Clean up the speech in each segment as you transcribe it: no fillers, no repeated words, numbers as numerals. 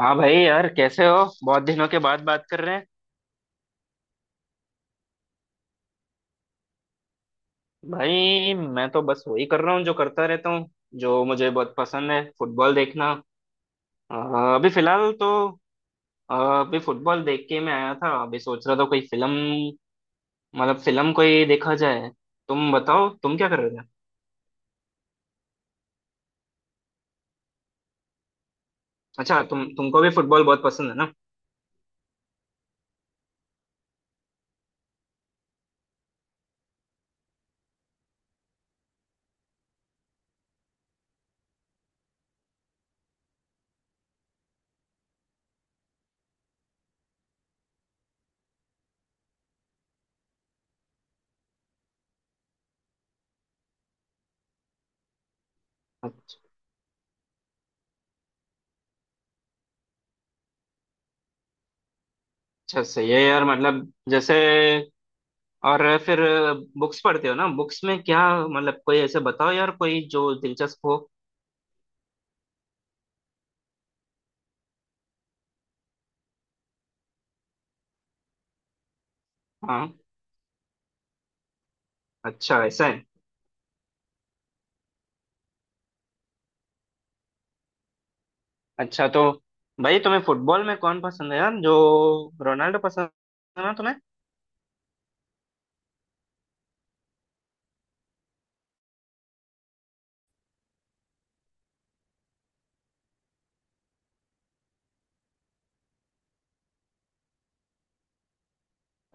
हाँ भाई यार, कैसे हो। बहुत दिनों के बाद बात कर रहे हैं। भाई, मैं तो बस वही कर रहा हूँ जो करता रहता हूँ, जो मुझे बहुत पसंद है, फुटबॉल देखना। अ, अभी फिलहाल तो अभी फुटबॉल देख के मैं आया था। अभी सोच रहा था, कोई फिल्म, मतलब फिल्म कोई देखा जाए। तुम बताओ, तुम क्या कर रहे थे। अच्छा, तुमको भी फुटबॉल बहुत पसंद है ना। अच्छा, सही है यार। मतलब जैसे, और फिर बुक्स पढ़ते हो ना, बुक्स में क्या, मतलब कोई ऐसे बताओ यार, कोई जो दिलचस्प हो। हाँ। अच्छा, ऐसा है। अच्छा तो भाई, तुम्हें फुटबॉल में कौन पसंद है यार, जो रोनाल्डो पसंद है ना तुम्हें।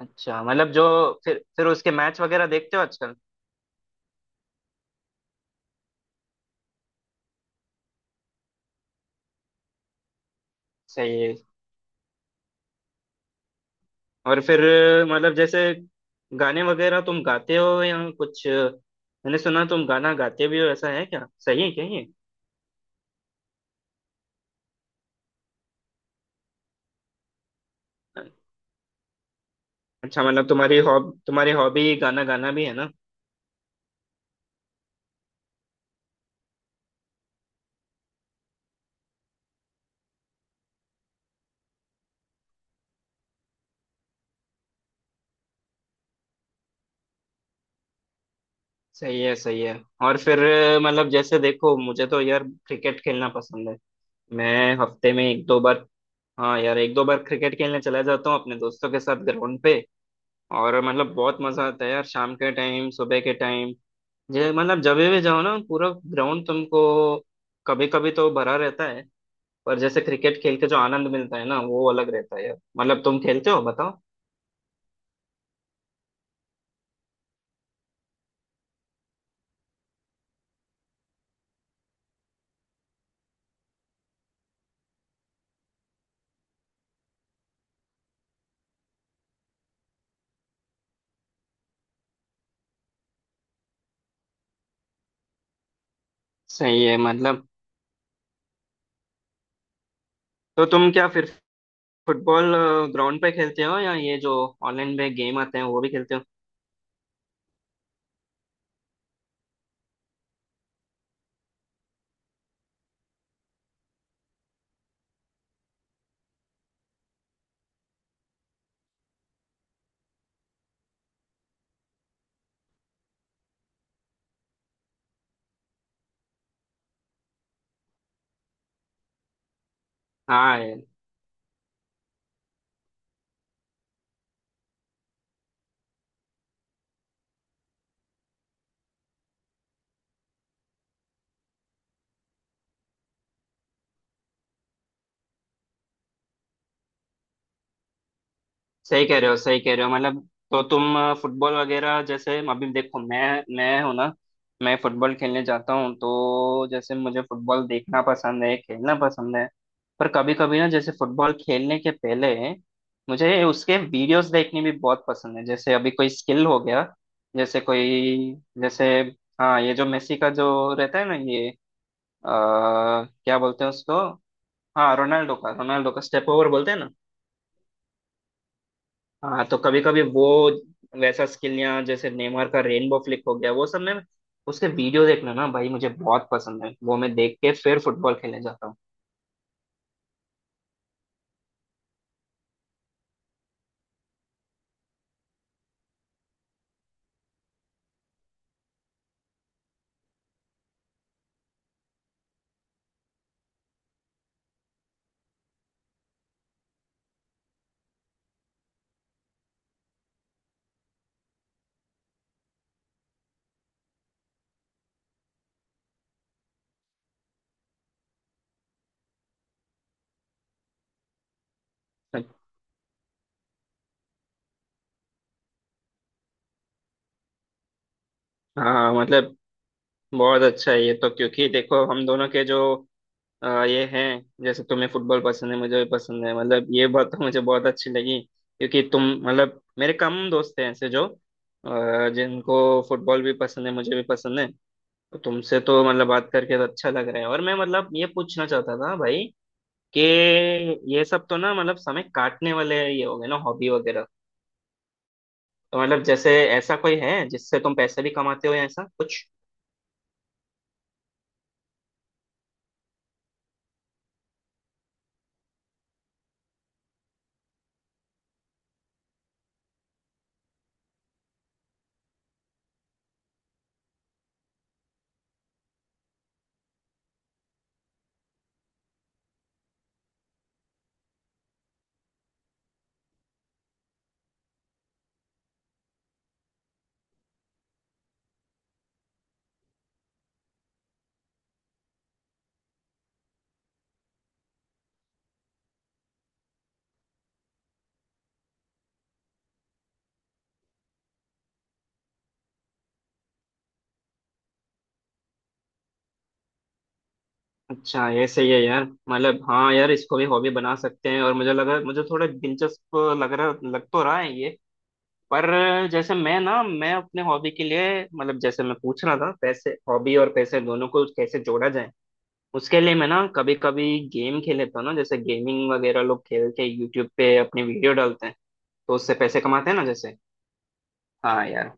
अच्छा, मतलब जो, फिर उसके मैच वगैरह देखते हो आजकल। सही है। और फिर मतलब, जैसे गाने वगैरह तुम गाते हो या कुछ। मैंने सुना तुम गाना गाते भी हो, ऐसा है क्या, सही है क्या ये। अच्छा, मतलब तुम्हारी हॉबी गाना गाना भी है ना। सही है, सही है। और फिर मतलब जैसे, देखो मुझे तो यार क्रिकेट खेलना पसंद है। मैं हफ्ते में एक दो बार, हाँ यार एक दो बार क्रिकेट खेलने चला जाता हूँ अपने दोस्तों के साथ ग्राउंड पे। और मतलब बहुत मजा आता है यार, शाम के टाइम, सुबह के टाइम। जे मतलब जब भी जाओ ना, पूरा ग्राउंड तुमको कभी कभी तो भरा रहता है। पर जैसे क्रिकेट खेल के जो आनंद मिलता है ना, वो अलग रहता है यार। मतलब तुम खेलते हो बताओ। सही है, मतलब। तो तुम क्या फिर फुटबॉल ग्राउंड पे खेलते हो, या ये जो ऑनलाइन में गेम आते हैं वो भी खेलते हो। हाँ, सही कह रहे हो, सही कह रहे हो मतलब। तो तुम फुटबॉल वगैरह, जैसे अभी देखो मैं हूं ना, मैं फुटबॉल खेलने जाता हूँ तो जैसे मुझे फुटबॉल देखना पसंद है, खेलना पसंद है। पर कभी कभी ना, जैसे फुटबॉल खेलने के पहले मुझे उसके वीडियोस देखने भी बहुत पसंद है। जैसे अभी कोई स्किल हो गया, जैसे कोई, जैसे हाँ, ये जो मेसी का जो रहता है ना, ये अ, क्या बोलते हैं उसको, हाँ रोनाल्डो का, रोनाल्डो का स्टेप ओवर बोलते हैं ना। हाँ तो कभी कभी वो वैसा स्किल, या जैसे नेमार का रेनबो फ्लिक हो गया, वो सब में उसके वीडियो देखना ना भाई, मुझे बहुत पसंद है। वो मैं देख के फिर फुटबॉल खेलने जाता हूँ। हाँ मतलब बहुत अच्छा है ये तो, क्योंकि देखो हम दोनों के जो ये हैं, जैसे तुम्हें फुटबॉल पसंद है, मुझे भी पसंद है। मतलब ये बात तो मुझे बहुत अच्छी लगी, क्योंकि तुम मतलब, मेरे कम दोस्त हैं ऐसे जो जिनको फुटबॉल भी पसंद है, मुझे भी पसंद है। तो तुमसे तो मतलब बात करके तो अच्छा लग रहा है। और मैं मतलब, ये पूछना चाहता था भाई कि ये सब तो ना मतलब समय काटने वाले ये हो गए ना, हॉबी वगैरह। तो मतलब जैसे, ऐसा कोई है जिससे तुम पैसे भी कमाते हो, या ऐसा कुछ। अच्छा, ये सही है यार। मतलब हाँ यार, इसको भी हॉबी बना सकते हैं। और मुझे लगा, मुझे थोड़ा दिलचस्प लग तो रहा है ये। पर जैसे मैं ना, मैं अपने हॉबी के लिए, मतलब जैसे मैं पूछ रहा था, पैसे, हॉबी और पैसे दोनों को कैसे जोड़ा जाए, उसके लिए मैं ना कभी कभी गेम खेल लेता हूँ ना। जैसे गेमिंग वगैरह लोग खेल के यूट्यूब पे अपनी वीडियो डालते हैं, तो उससे पैसे कमाते हैं ना, जैसे। हाँ यार,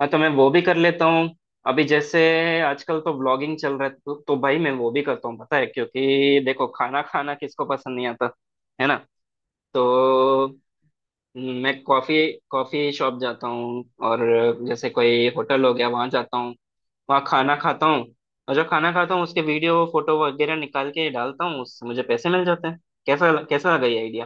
मैं वो भी कर लेता हूँ। अभी जैसे आजकल तो व्लॉगिंग चल रहा है, तो भाई मैं वो भी करता हूँ, पता है। क्योंकि देखो, खाना खाना किसको पसंद नहीं आता, है ना। तो मैं कॉफी कॉफी शॉप जाता हूँ। और जैसे कोई होटल हो गया, वहाँ जाता हूँ, वहाँ खाना खाता हूँ। और जो खाना खाता हूँ, उसके वीडियो फोटो वगैरह निकाल के डालता हूँ, उससे मुझे पैसे मिल जाते हैं। कैसा कैसा लगा ये।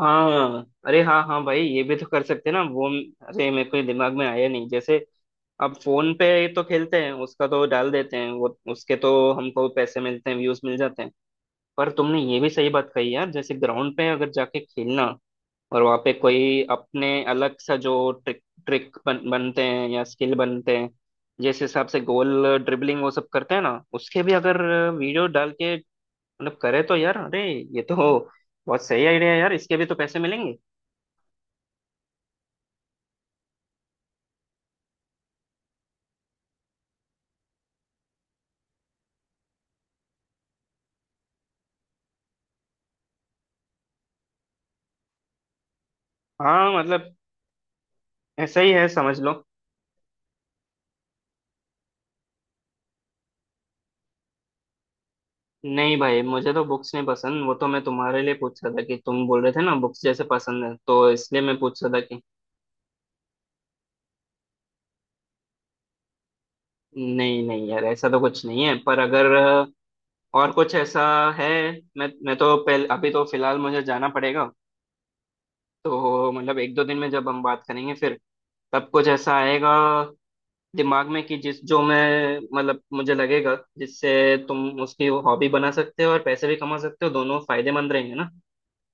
हाँ, अरे हाँ हाँ भाई, ये भी तो कर सकते हैं ना वो। अरे, मेरे को दिमाग में आया नहीं। जैसे अब फोन पे तो खेलते हैं, उसका तो डाल देते हैं। वो उसके तो हमको पैसे मिलते हैं, व्यूज मिल जाते हैं। पर तुमने ये भी सही बात कही यार, जैसे ग्राउंड पे अगर जाके खेलना, और वहाँ पे कोई अपने अलग सा जो ट्रिक ट्रिक बन, बनते हैं, या स्किल बनते हैं, जिस हिसाब से गोल, ड्रिबलिंग, वो सब करते हैं ना, उसके भी अगर वीडियो डाल के मतलब करे तो यार, अरे ये तो बहुत सही आइडिया है यार, इसके भी तो पैसे मिलेंगे। हाँ मतलब ऐसा ही है, समझ लो। नहीं भाई, मुझे तो बुक्स नहीं पसंद। वो तो मैं तुम्हारे लिए पूछ रहा था कि तुम बोल रहे थे ना बुक्स जैसे पसंद है, तो इसलिए मैं पूछ रहा था कि। नहीं नहीं यार, ऐसा तो कुछ नहीं है। पर अगर और कुछ ऐसा है, मैं तो पहले, अभी तो फिलहाल मुझे जाना पड़ेगा। तो मतलब एक दो दिन में जब हम बात करेंगे फिर, तब कुछ ऐसा आएगा दिमाग में कि जिस जो मैं मतलब, मुझे लगेगा जिससे तुम उसकी हॉबी बना सकते हो और पैसे भी कमा सकते हो, दोनों फायदेमंद रहेंगे ना।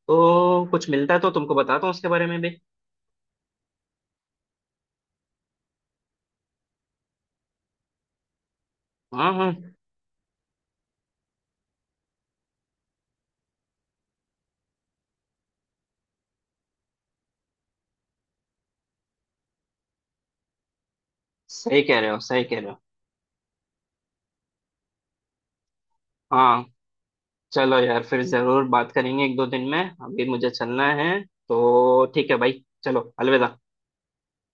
तो कुछ मिलता है तो तुमको बताता हूँ उसके बारे में भी। हाँ हाँ, सही कह रहे हो, सही कह रहे हो। हाँ, चलो यार, फिर जरूर बात करेंगे एक दो दिन में। अभी मुझे चलना है, तो ठीक है भाई, चलो अलविदा।